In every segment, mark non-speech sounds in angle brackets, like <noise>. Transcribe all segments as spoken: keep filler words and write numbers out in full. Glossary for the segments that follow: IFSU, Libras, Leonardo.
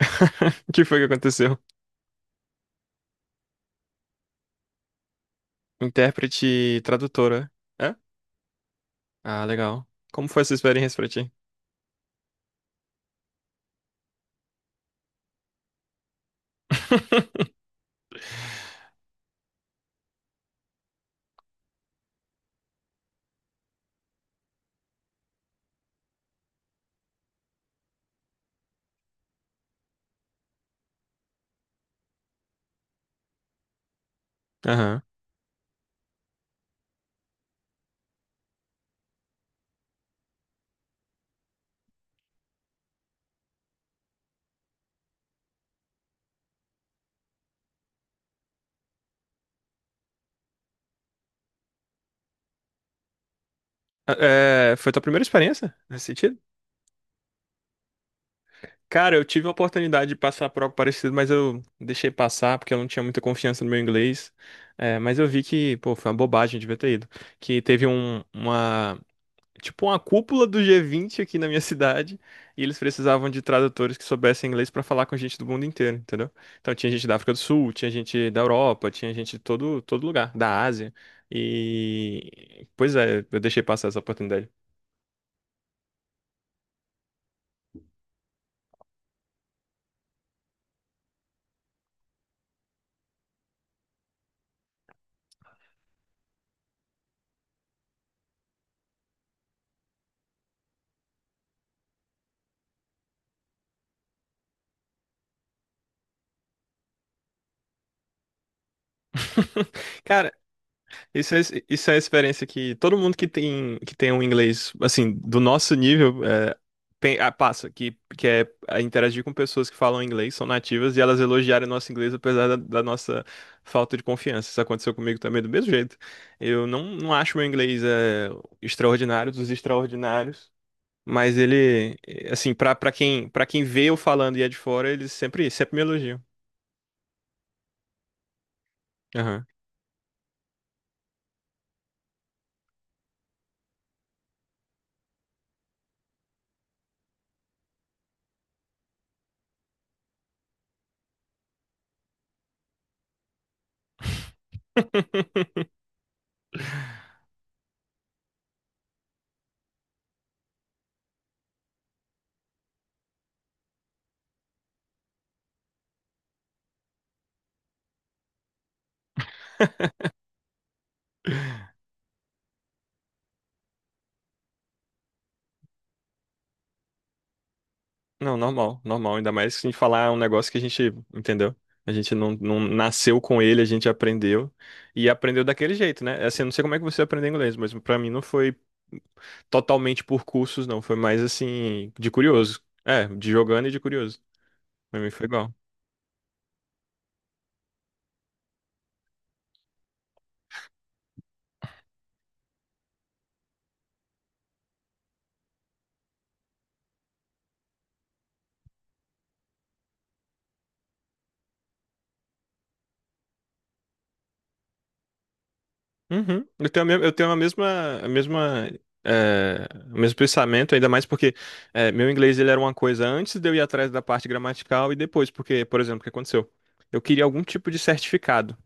<laughs> O que foi que aconteceu? Intérprete e tradutora. É? Ah, legal. Como foi essa experiência pra ti? <laughs> Aham. É, foi tua primeira experiência nesse sentido? Cara, eu tive a oportunidade de passar por algo parecido, mas eu deixei passar porque eu não tinha muita confiança no meu inglês. É, mas eu vi que, pô, foi uma bobagem, eu devia ter ido. Que teve um, uma, tipo uma cúpula do G vinte aqui na minha cidade, e eles precisavam de tradutores que soubessem inglês pra falar com gente do mundo inteiro, entendeu? Então tinha gente da África do Sul, tinha gente da Europa, tinha gente de todo, todo lugar, da Ásia. E pois é, eu deixei passar essa oportunidade. <laughs> Cara, isso é, isso é a experiência que todo mundo que tem que tem um inglês assim do nosso nível tem- ah, passa, que, que é ah, interagir com pessoas que falam inglês, são nativas, e elas elogiarem o nosso inglês apesar da, da nossa falta de confiança. Isso aconteceu comigo também do mesmo jeito. Eu não, não acho meu inglês é, extraordinário, dos extraordinários, mas ele, eh, assim, pra, pra quem, pra quem vê eu falando e é de fora, eles sempre, sempre me elogiam. Aham. <laughs> Não, normal, normal. Ainda mais se a gente falar um negócio que a gente entendeu. A gente não, não nasceu com ele, a gente aprendeu. E aprendeu daquele jeito, né? É. Assim, eu não sei como é que você aprendeu inglês, mas pra mim não foi totalmente por cursos, não. Foi mais assim, de curioso. É, de jogando e de curioso. Pra mim foi igual. Uhum. Eu tenho a, me- eu tenho a mesma, a mesma, é, o mesmo pensamento, ainda mais porque é, meu inglês ele era uma coisa antes de eu ir atrás da parte gramatical e depois, porque, por exemplo, o que aconteceu? Eu queria algum tipo de certificado.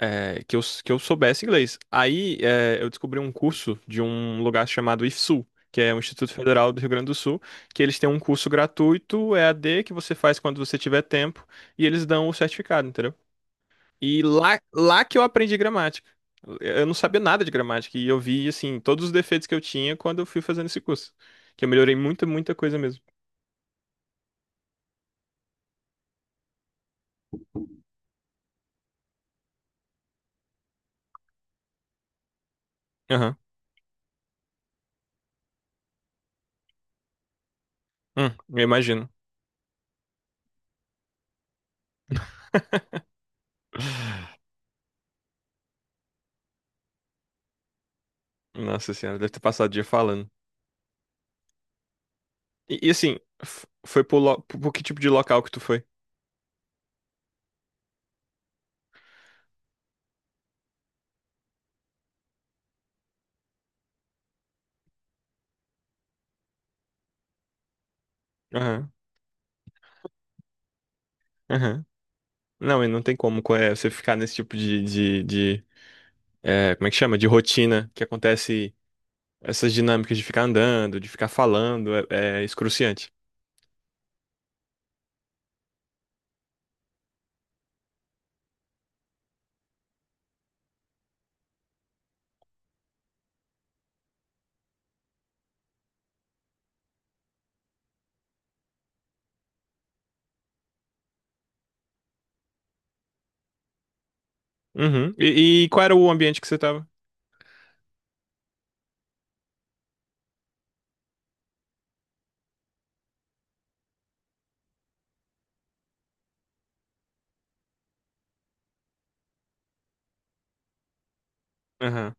É, que eu, que eu soubesse inglês. Aí é, eu descobri um curso de um lugar chamado I F S U, que é o Instituto Federal do Rio Grande do Sul, que eles têm um curso gratuito E a D que você faz quando você tiver tempo e eles dão o certificado, entendeu? E lá, lá que eu aprendi gramática. Eu não sabia nada de gramática e eu vi, assim, todos os defeitos que eu tinha quando eu fui fazendo esse curso. Que eu melhorei muita, muita coisa mesmo. Aham. Hum, eu imagino. Nossa senhora, deve ter passado o dia falando. E, e assim, f- foi pro, lo- pro que tipo de local que tu foi? Aham, aham. Não, e não tem como co- é, você ficar nesse tipo de, de, de, é, como é que chama? De rotina que acontece essas dinâmicas de ficar andando, de ficar falando, é, é excruciante. Uhum. E, e qual era o ambiente que você tava? Aham.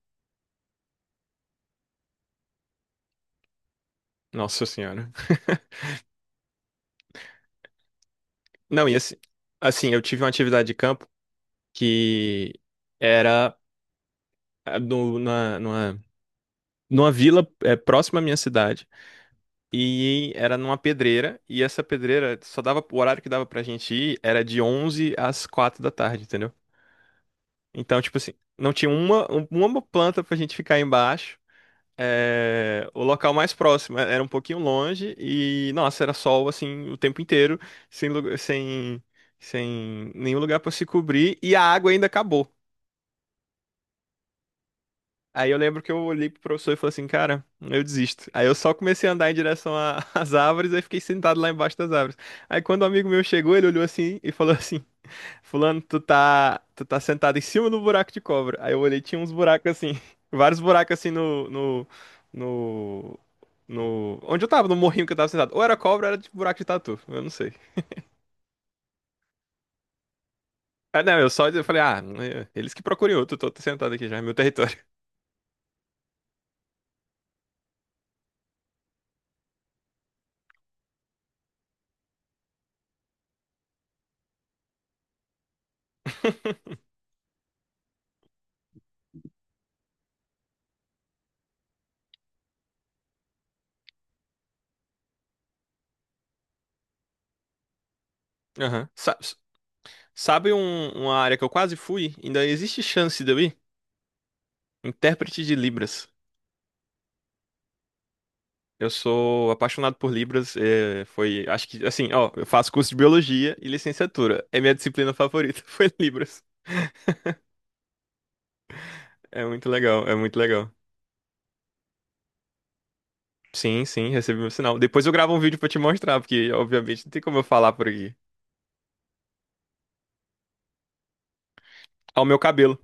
Nossa senhora. Não, e assim, assim, eu tive uma atividade de campo que era ah, no, na, numa, numa vila é, próxima à minha cidade. E era numa pedreira, e essa pedreira só dava, o horário que dava pra gente ir era de onze às quatro da tarde, entendeu? Então, tipo assim, não tinha uma, um- uma planta pra gente ficar embaixo. É, o local mais próximo era um pouquinho longe e, nossa, era sol assim o tempo inteiro, sem, lu- sem, sem, nenhum lugar pra se cobrir, e a água ainda acabou. Aí eu lembro que eu olhei pro professor e falei assim, cara, eu desisto. Aí eu só comecei a andar em direção a- <laughs> às árvores, aí fiquei sentado lá embaixo das árvores. Aí quando um amigo meu chegou, ele olhou assim e falou assim, Fulano, tu tá, tu tá sentado em cima do buraco de cobra. Aí eu olhei, tinha uns buracos assim, <laughs> vários buracos assim no, no, no, no- onde eu tava, no morrinho que eu tava sentado. Ou era cobra, ou era de buraco de tatu, eu não sei. Ah, não, eu só eu falei, ah, é, eles que procurem outro, tô, tô sentado aqui já, é meu território. <laughs> Aham. Sabe um- uma área que eu quase fui? Ainda existe chance de eu ir? Intérprete de Libras. Eu sou apaixonado por Libras. É, foi, acho que, assim, ó, eu faço curso de biologia e licenciatura. É minha disciplina favorita, <laughs> foi Libras. É muito legal, é muito legal. Sim, sim, recebi meu sinal. Depois eu gravo um vídeo pra te mostrar, porque obviamente não tem como eu falar por aqui. Ao meu cabelo.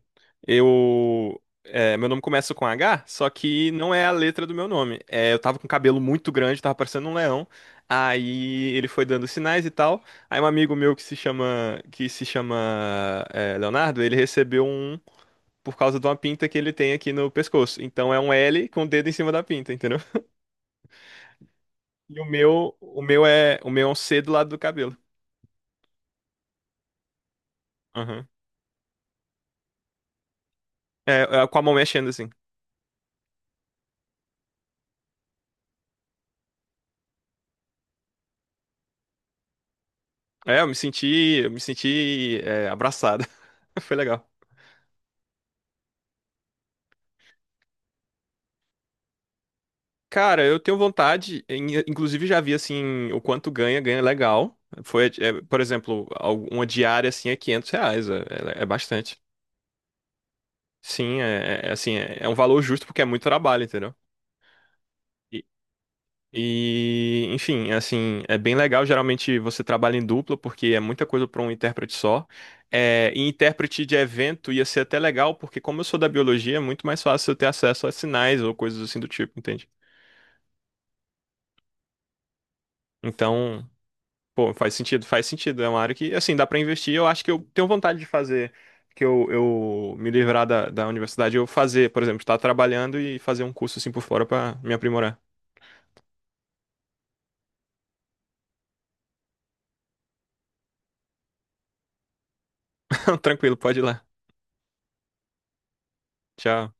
Eu. É, meu nome começa com H, só que não é a letra do meu nome. É, eu tava com um cabelo muito grande, tava parecendo um leão. Aí ele foi dando sinais e tal. Aí um amigo meu que se chama, que se chama é, Leonardo, ele recebeu um por causa de uma pinta que ele tem aqui no pescoço. Então é um L com o dedo em cima da pinta, entendeu? E o meu, o meu é, o meu é um C do lado do cabelo. Aham. É, é, com a mão mexendo assim. É, eu me senti, eu me senti é, abraçado. <laughs> Foi legal. Cara, eu tenho vontade, em- inclusive já vi assim o quanto ganha, ganha legal. Foi, é, por exemplo, al- uma diária assim é quinhentos reais, é, é- é bastante. Sim, é, é- é, assim, é, é um valor justo porque é muito trabalho, entendeu? E, e, enfim, assim, é bem legal. Geralmente você trabalha em dupla porque é muita coisa para um intérprete só. É, e intérprete de evento ia ser até legal porque como eu sou da biologia, é muito mais fácil eu ter acesso a sinais ou coisas assim do tipo, entende? Então, pô, faz sentido, faz sentido. É uma área que, assim, dá pra investir. Eu acho que eu tenho vontade de fazer, que eu, eu me livrar da, da universidade, eu fazer, por exemplo, estar trabalhando e fazer um curso assim por fora pra me aprimorar. <laughs> Tranquilo, pode ir lá. Tchau.